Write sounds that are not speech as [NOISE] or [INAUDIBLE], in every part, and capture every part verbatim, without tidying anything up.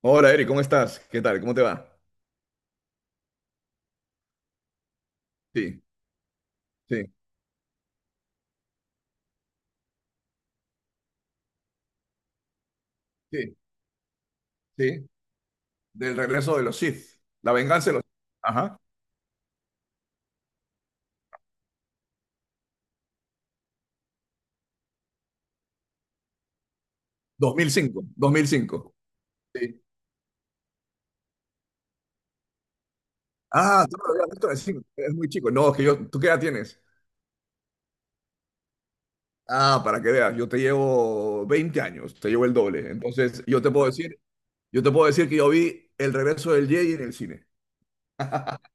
Hola, Eric, ¿cómo estás? ¿Qué tal? ¿Cómo te va? Sí, sí, sí, sí. Del regreso de los Sith. La venganza de los Sith. Ajá. dos mil cinco, dos mil cinco. Sí. Ah, tú no lo habías visto de cinco, es muy chico. No, es que yo, ¿tú qué edad tienes? Ah, para que veas, yo te llevo veinte años, te llevo el doble. Entonces, yo te puedo decir, yo te puedo decir que yo vi El regreso del Jedi en el cine. [LAUGHS]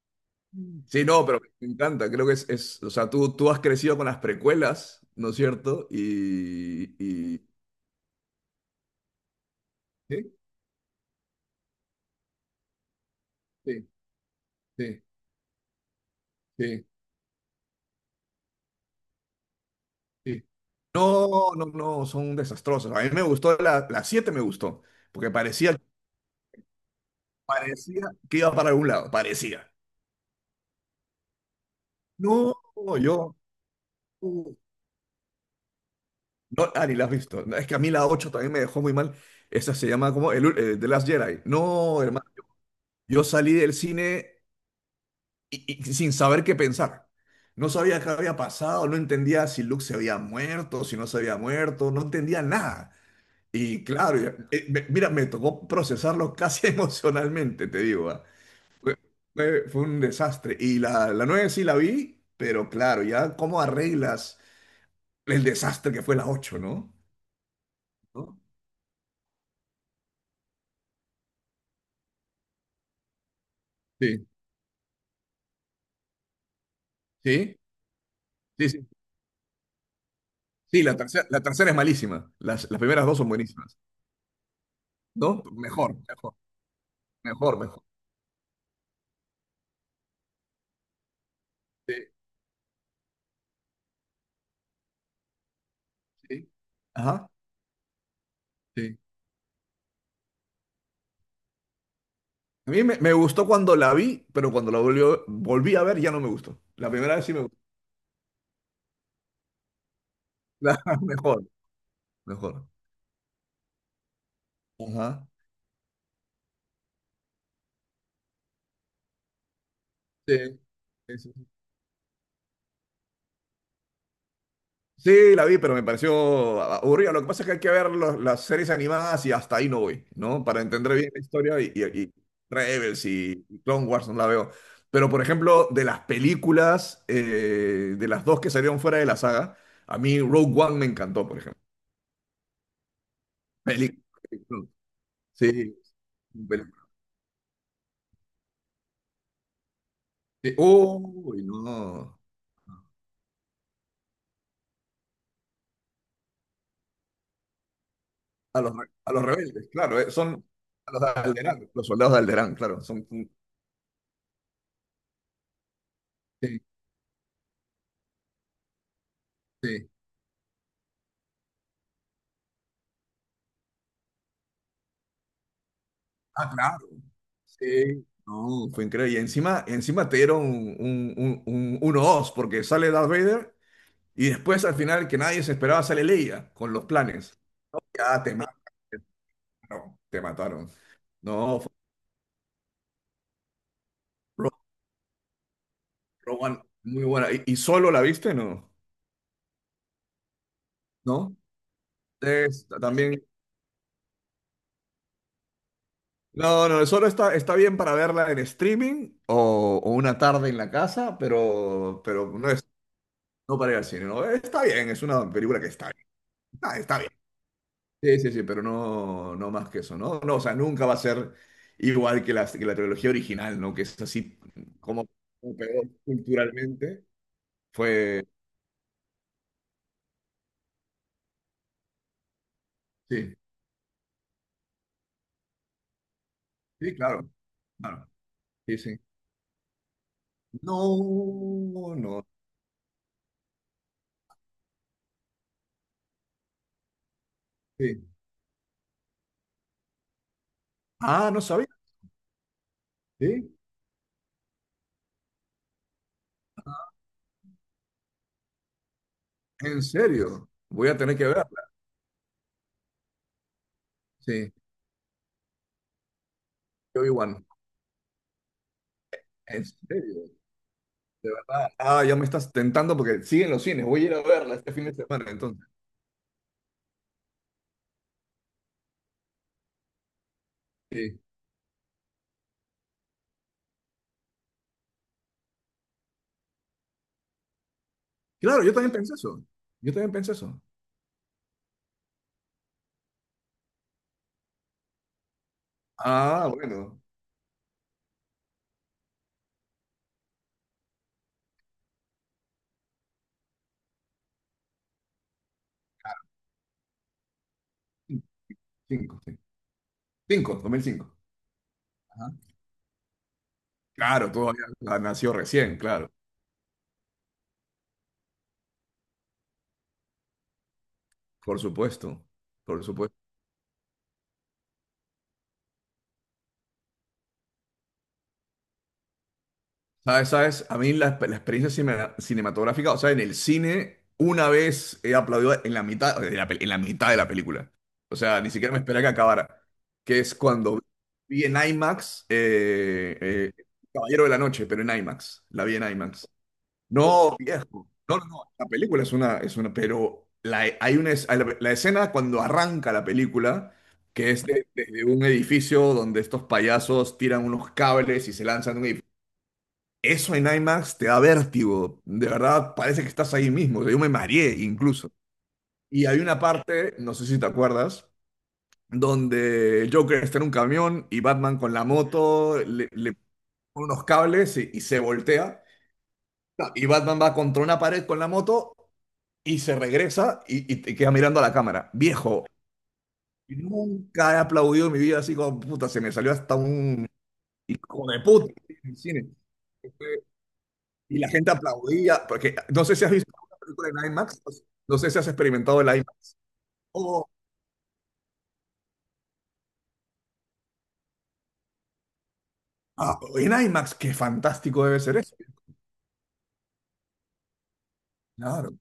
Sí, no, pero me encanta, creo que es, es- o sea, tú, tú has crecido con las precuelas, ¿no es cierto? Y, y- Sí, sí, sí, sí. Sí. No, no, no, son desastrosos. A mí me gustó, la, la siete me gustó, porque parecía, parecía que iba para algún lado, parecía. No, yo, uh, no, ah, ni la has visto. No, Es que a mí la ocho también me dejó muy mal. Esa se llama como el, ul- eh, The Last Jedi. No, hermano, yo salí del cine y- y sin saber qué pensar. No sabía qué había pasado, no entendía si Luke se había muerto, si no se había muerto, no entendía nada. Y claro, ya- eh, me- mira, me tocó procesarlo casi [LAUGHS] emocionalmente, te digo. ah. Fue, fue- fue un desastre. Y la, la nueve sí la vi, pero claro, ya cómo arreglas el desastre que fue la ocho, ¿no? ¿No? Sí, sí, sí, sí. Sí, la tercera, la tercera es malísima. Las, las primeras dos son buenísimas, ¿no? Mejor, mejor, mejor, mejor. Sí, sí. Ajá, sí. A mí me, me gustó cuando la vi, pero cuando la volvió- volví a ver ya no me gustó. La primera vez sí me gustó. [LAUGHS] Mejor, mejor. Ajá. Sí, sí, sí, sí. Sí, la vi, pero me pareció aburrida. Lo que pasa es que hay que ver los- las series animadas y hasta ahí no voy, ¿no? Para entender bien la historia y, y- y Rebels y, y Clone Wars no la veo. Pero, por ejemplo, de las películas, eh, de las dos que salieron fuera de la saga, a mí Rogue One me encantó, por ejemplo. Pelic- Sí, película. Sí. Uy, no. A los, re- a los rebeldes, claro, eh, son a los de Alderaan, los soldados de Alderaan, claro, son. Sí, sí. Ah, claro. Sí. No, fue increíble. Y encima, encima te dieron un, un, un, un uno dos porque sale Darth Vader y después al final que nadie se esperaba sale Leia con los planes. Ya te mataron. No, te mataron. No, fue Ro- Rowan, muy buena. ¿Y, y solo la viste? No. ¿No? Es- también. No, no, solo está, está bien para verla en streaming, o, o una tarde en la casa, pero, pero, no es no para ir al cine, ¿no? Está bien, es una película que está bien. Está, está bien. Sí, sí, sí, pero no, no más que eso, ¿no? No, o sea, nunca va a ser igual que la, que la trilogía original, ¿no? Que es así como como pegó culturalmente. Fue, sí, sí, claro, claro, sí, sí. No, no, sí. Ah, no sabía, sí, en serio, voy a tener que verla, sí, Obi-Wan, en serio, de verdad. Ah, ya me estás tentando porque siguen los cines, voy a ir a verla este fin de semana, entonces. Sí. Claro, yo también pensé eso, yo también pensé eso. Ah, bueno. Cinco, sí. Cinco, dos mil cinco. Ajá. Claro, todavía la- nació recién, claro. Por supuesto, por supuesto. ¿Sabes? ¿Sabes? A mí la, la experiencia cine- cinematográfica, o sea, en el cine, una vez he aplaudido en la mitad, en la, pe- en la mitad de la película. O sea, ni siquiera me esperaba que acabara. Que es cuando vi en IMAX, eh, eh, Caballero de la Noche, pero en IMAX. La vi en IMAX. No, viejo. No, no, no. La película es una, es una, pero la, hay una, es- hay la, la escena cuando arranca la película, que es de- desde un edificio donde estos payasos tiran unos cables y se lanzan de un edificio. Eso en IMAX te da vértigo. De verdad, parece que estás ahí mismo. O sea, yo me mareé incluso. Y hay una parte, no sé si te acuerdas, donde el Joker está en un camión y Batman con la moto le, le pone unos cables y y se voltea. Y Batman va contra una pared con la moto y se regresa y, y te queda mirando a la cámara. Viejo, nunca he aplaudido en mi vida así como puta, se me salió hasta un hijo de puta en el cine. Este, Y la gente aplaudía, porque no sé si has visto una película en IMAX, no sé no sé si has experimentado el IMAX. Oh, ah, en IMAX, qué fantástico debe ser eso. Claro.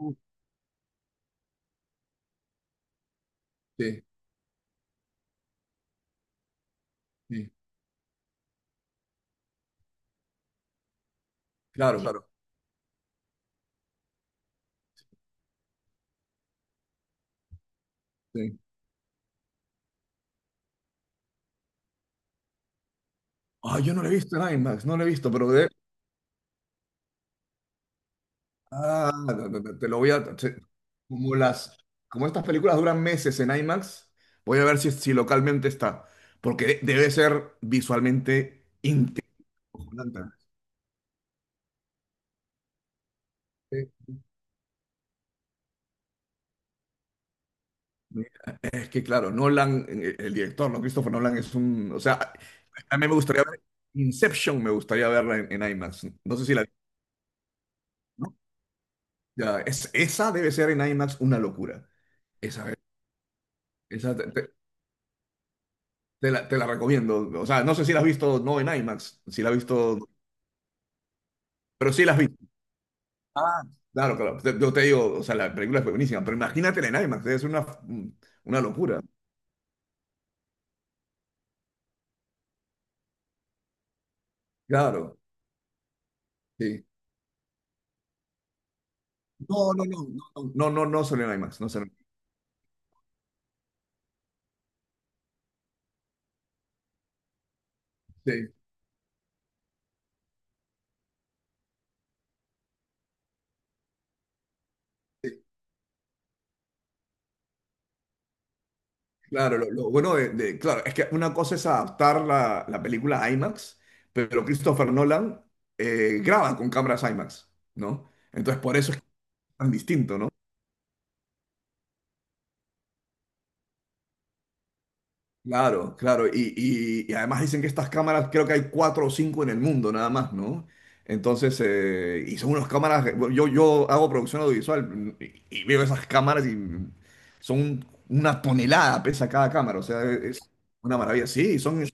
Uh, sí, sí, claro, claro. Sí. Ah, yo no lo he visto en IMAX, no lo he visto, pero de- ah, te, te- te- lo voy a... te- como las, como estas películas duran meses en IMAX, voy a ver si, si localmente está. Porque de- debe ser visualmente impresionante. Es que claro, Nolan, eh, el director, ¿no? Christopher Nolan es un... O sea, a mí me gustaría ver Inception, me gustaría verla en, en, IMAX. No sé si la... ¿no? Ya, es, esa debe ser en IMAX una locura. Esa, esa te, te- te la, te la recomiendo. O sea, no sé si la has visto, no en IMAX, si la has visto, pero sí la has visto. Ah, claro, claro. Te- Yo te digo, o sea, la película fue buenísima, pero imagínate en IMAX, es una, una locura. Claro, sí. No, no, no, no, no, no, no salió en IMAX, no salió. Sí, sí. Claro, lo, lo bueno de, de- claro, es que una cosa es adaptar la, la película a IMAX, pero Christopher Nolan eh, graba con cámaras IMAX, ¿no? Entonces, por eso es tan distinto, ¿no? Claro, claro. Y, y- y además dicen que estas cámaras, creo que hay cuatro o cinco en el mundo nada más, ¿no? Entonces, eh, y son unas cámaras, yo, yo hago producción audiovisual y, y, veo esas cámaras y son una tonelada, pesa cada cámara, o sea, es una maravilla. Sí, son,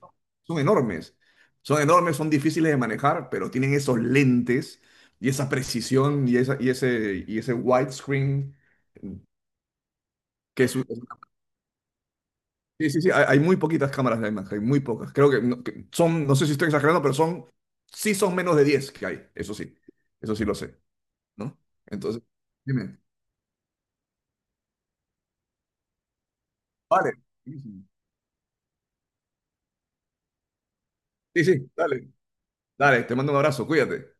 son enormes, son enormes, son difíciles de manejar, pero tienen esos lentes y esa precisión y, esa, y ese, y ese widescreen que es, sí, sí, sí, hay, hay muy poquitas cámaras de IMAX, hay muy pocas. Creo que, no- que son, no sé si estoy exagerando, pero son, sí son menos de diez que hay, eso sí, eso sí lo sé, ¿no? Entonces, dime, vale, sí, sí, dale, dale, te mando un abrazo, cuídate.